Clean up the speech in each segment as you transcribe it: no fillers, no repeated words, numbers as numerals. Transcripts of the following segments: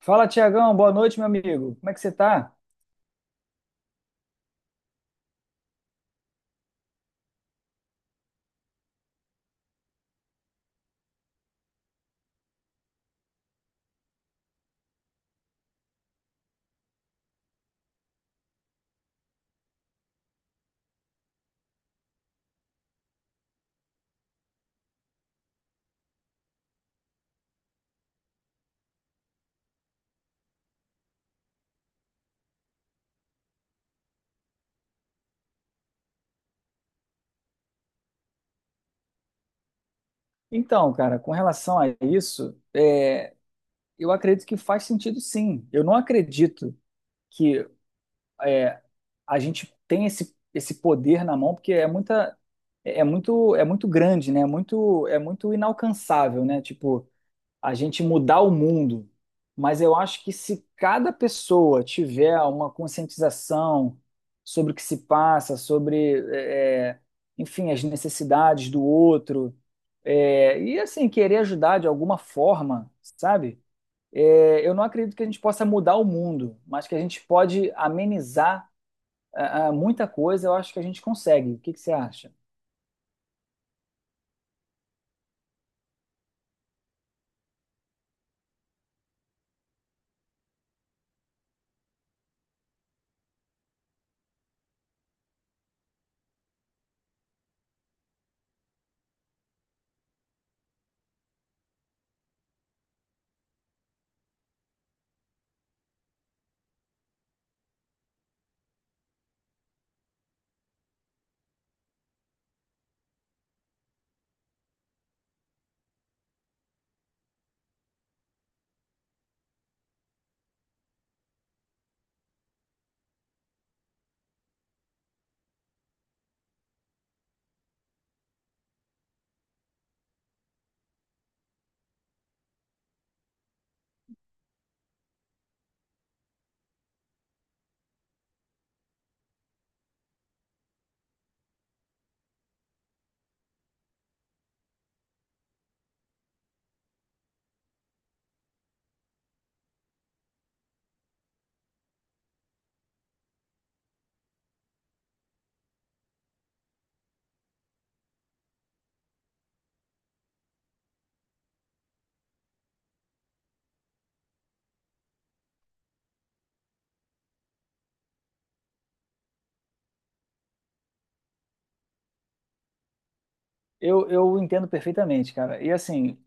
Fala, Tiagão, boa noite, meu amigo. Como é que você tá? Então, cara, com relação a isso, eu acredito que faz sentido sim. Eu não acredito que é, a gente tem esse poder na mão, porque é muita, é é muito grande, né? É muito inalcançável, né? Tipo, a gente mudar o mundo. Mas eu acho que se cada pessoa tiver uma conscientização sobre o que se passa, enfim, as necessidades do outro, e assim, querer ajudar de alguma forma, sabe? Eu não acredito que a gente possa mudar o mundo, mas que a gente pode amenizar muita coisa, eu acho que a gente consegue. O que que você acha? Eu entendo perfeitamente, cara. E assim,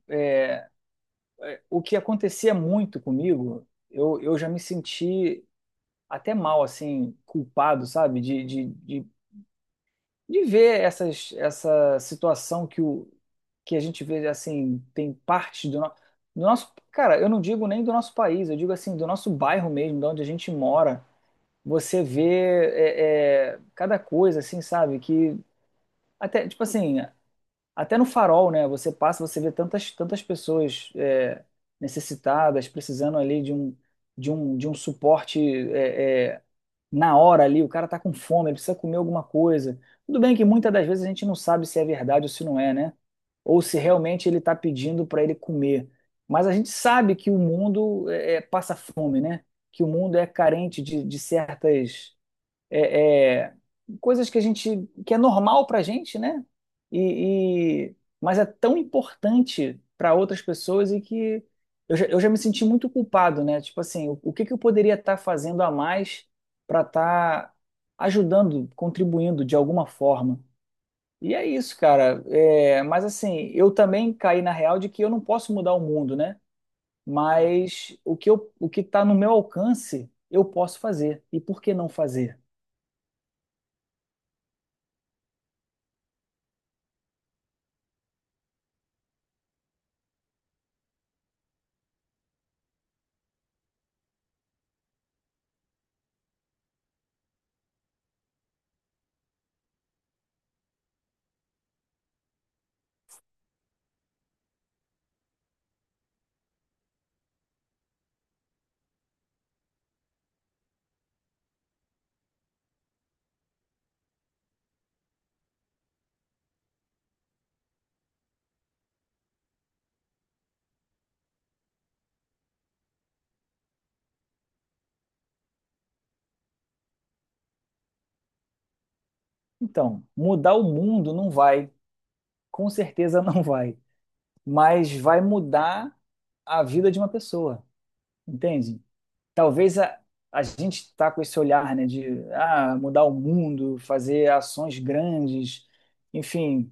o que acontecia muito comigo, eu já me senti até mal, assim, culpado, sabe? De ver essa situação que a gente vê, assim, tem parte do nosso... Cara, eu não digo nem do nosso país, eu digo, assim, do nosso bairro mesmo, de onde a gente mora. Você vê cada coisa, assim, sabe? Que até, tipo assim, até no farol, né? Você passa, você vê tantas pessoas necessitadas, precisando ali de um suporte é, é, na hora ali. O cara tá com fome, ele precisa comer alguma coisa. Tudo bem que muitas das vezes a gente não sabe se é verdade ou se não é, né? Ou se realmente ele tá pedindo para ele comer. Mas a gente sabe que o mundo passa fome, né? Que o mundo é carente de certas é, é, coisas que a gente que é normal para a gente, né? E, e- mas é tão importante para outras pessoas e que eu já me senti muito culpado, né? Tipo assim, o que que eu poderia estar fazendo a mais para estar ajudando, contribuindo de alguma forma? E é isso, cara. É, mas assim, eu também caí na real de que eu não posso mudar o mundo, né? Mas o que está no meu alcance, eu posso fazer. E por que não fazer? Então, mudar o mundo não vai, com certeza não vai, mas vai mudar a vida de uma pessoa, entende? Talvez a, a gente está com esse olhar, né, de ah, mudar o mundo, fazer ações grandes, enfim,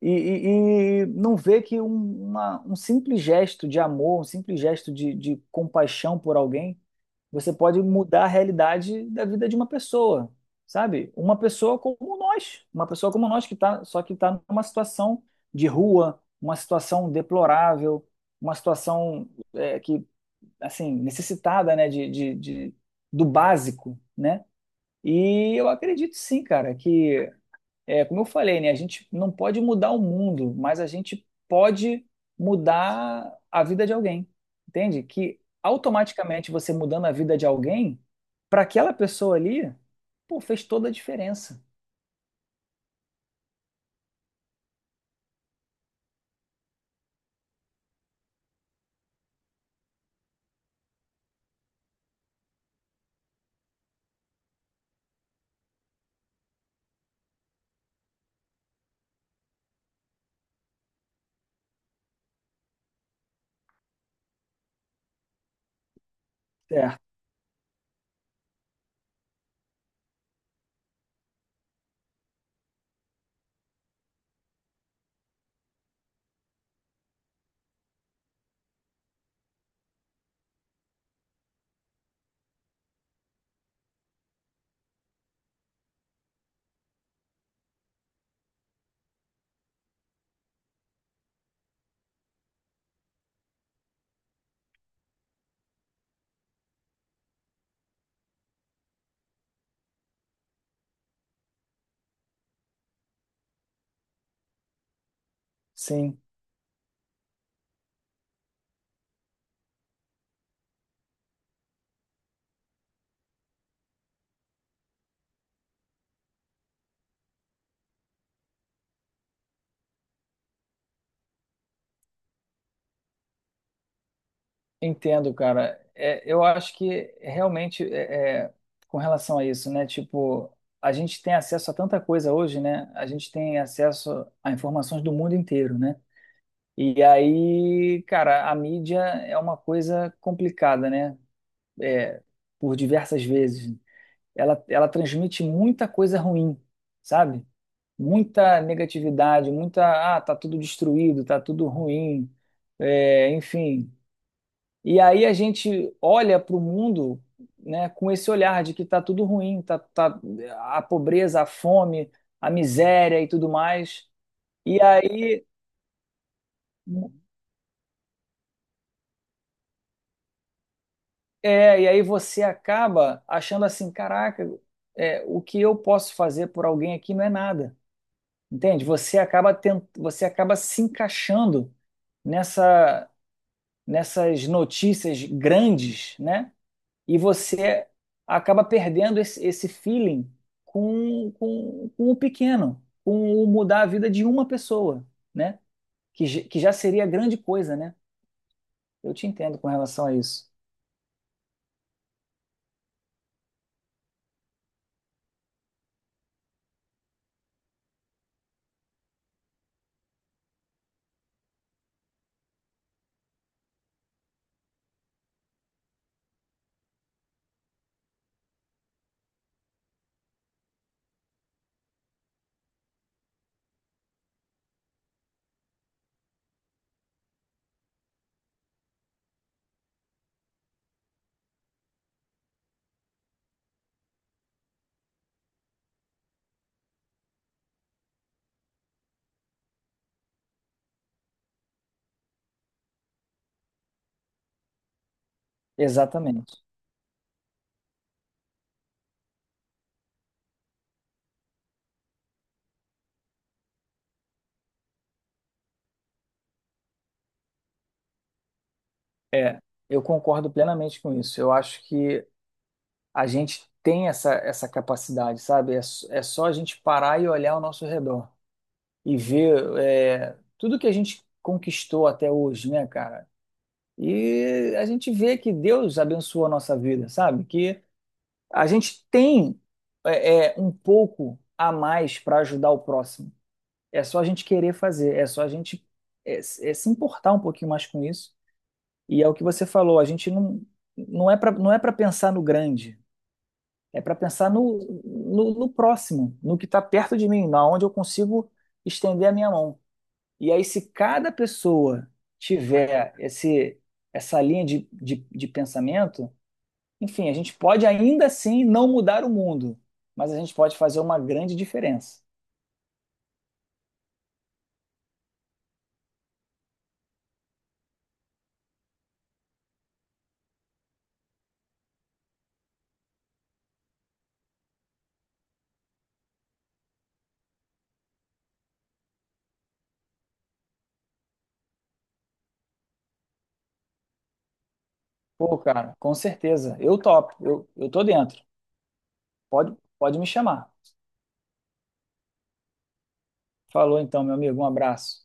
e não vê que um simples gesto de amor, um simples gesto de compaixão por alguém você pode mudar a realidade da vida de uma pessoa, sabe? Uma pessoa como nós, uma pessoa como nós que tá, só que está numa situação de rua, uma situação deplorável, uma situação é, que, assim, necessitada, né, do básico, né? E eu acredito sim, cara, que é, como eu falei, né? A gente não pode mudar o mundo, mas a gente pode mudar a vida de alguém. Entende? Que automaticamente você mudando a vida de alguém, para aquela pessoa ali, pô, fez toda a diferença. Certo. Sim, entendo, cara. É, eu acho que realmente com relação a isso, né? Tipo, a gente tem acesso a tanta coisa hoje, né? A gente tem acesso a informações do mundo inteiro, né? E aí, cara, a mídia é uma coisa complicada, né? É, por diversas vezes. Ela transmite muita coisa ruim, sabe? Muita negatividade, muita, ah, tá tudo destruído, tá tudo ruim, é, enfim. E aí a gente olha para o mundo, né, com esse olhar de que tá tudo ruim, tá a pobreza, a fome, a miséria e tudo mais. E aí É, e aí você acaba achando assim, caraca, é, o que eu posso fazer por alguém aqui não é nada, entende? Você acaba tent... você acaba se encaixando nessa nessas notícias grandes, né? E você acaba perdendo esse feeling com o pequeno, com o mudar a vida de uma pessoa, né? Que, que já seria grande coisa, né? Eu te entendo com relação a isso. Exatamente. É, eu concordo plenamente com isso. Eu acho que a gente tem essa capacidade, sabe? É, é só a gente parar e olhar ao nosso redor e ver é, tudo que a gente conquistou até hoje, né, cara? E a gente vê que Deus abençoou a nossa vida, sabe? Que a gente tem um pouco a mais para ajudar o próximo. É só a gente querer fazer, é só a gente se importar um pouquinho mais com isso. E é o que você falou, a gente não, não é para não é para pensar no grande, é para pensar no próximo, no que está perto de mim, na onde eu consigo estender a minha mão. E aí, se cada pessoa tiver essa linha de pensamento, enfim, a gente pode ainda assim não mudar o mundo, mas a gente pode fazer uma grande diferença. Pô, cara, com certeza. Eu topo, eu tô dentro. Pode me chamar. Falou então, meu amigo, um abraço.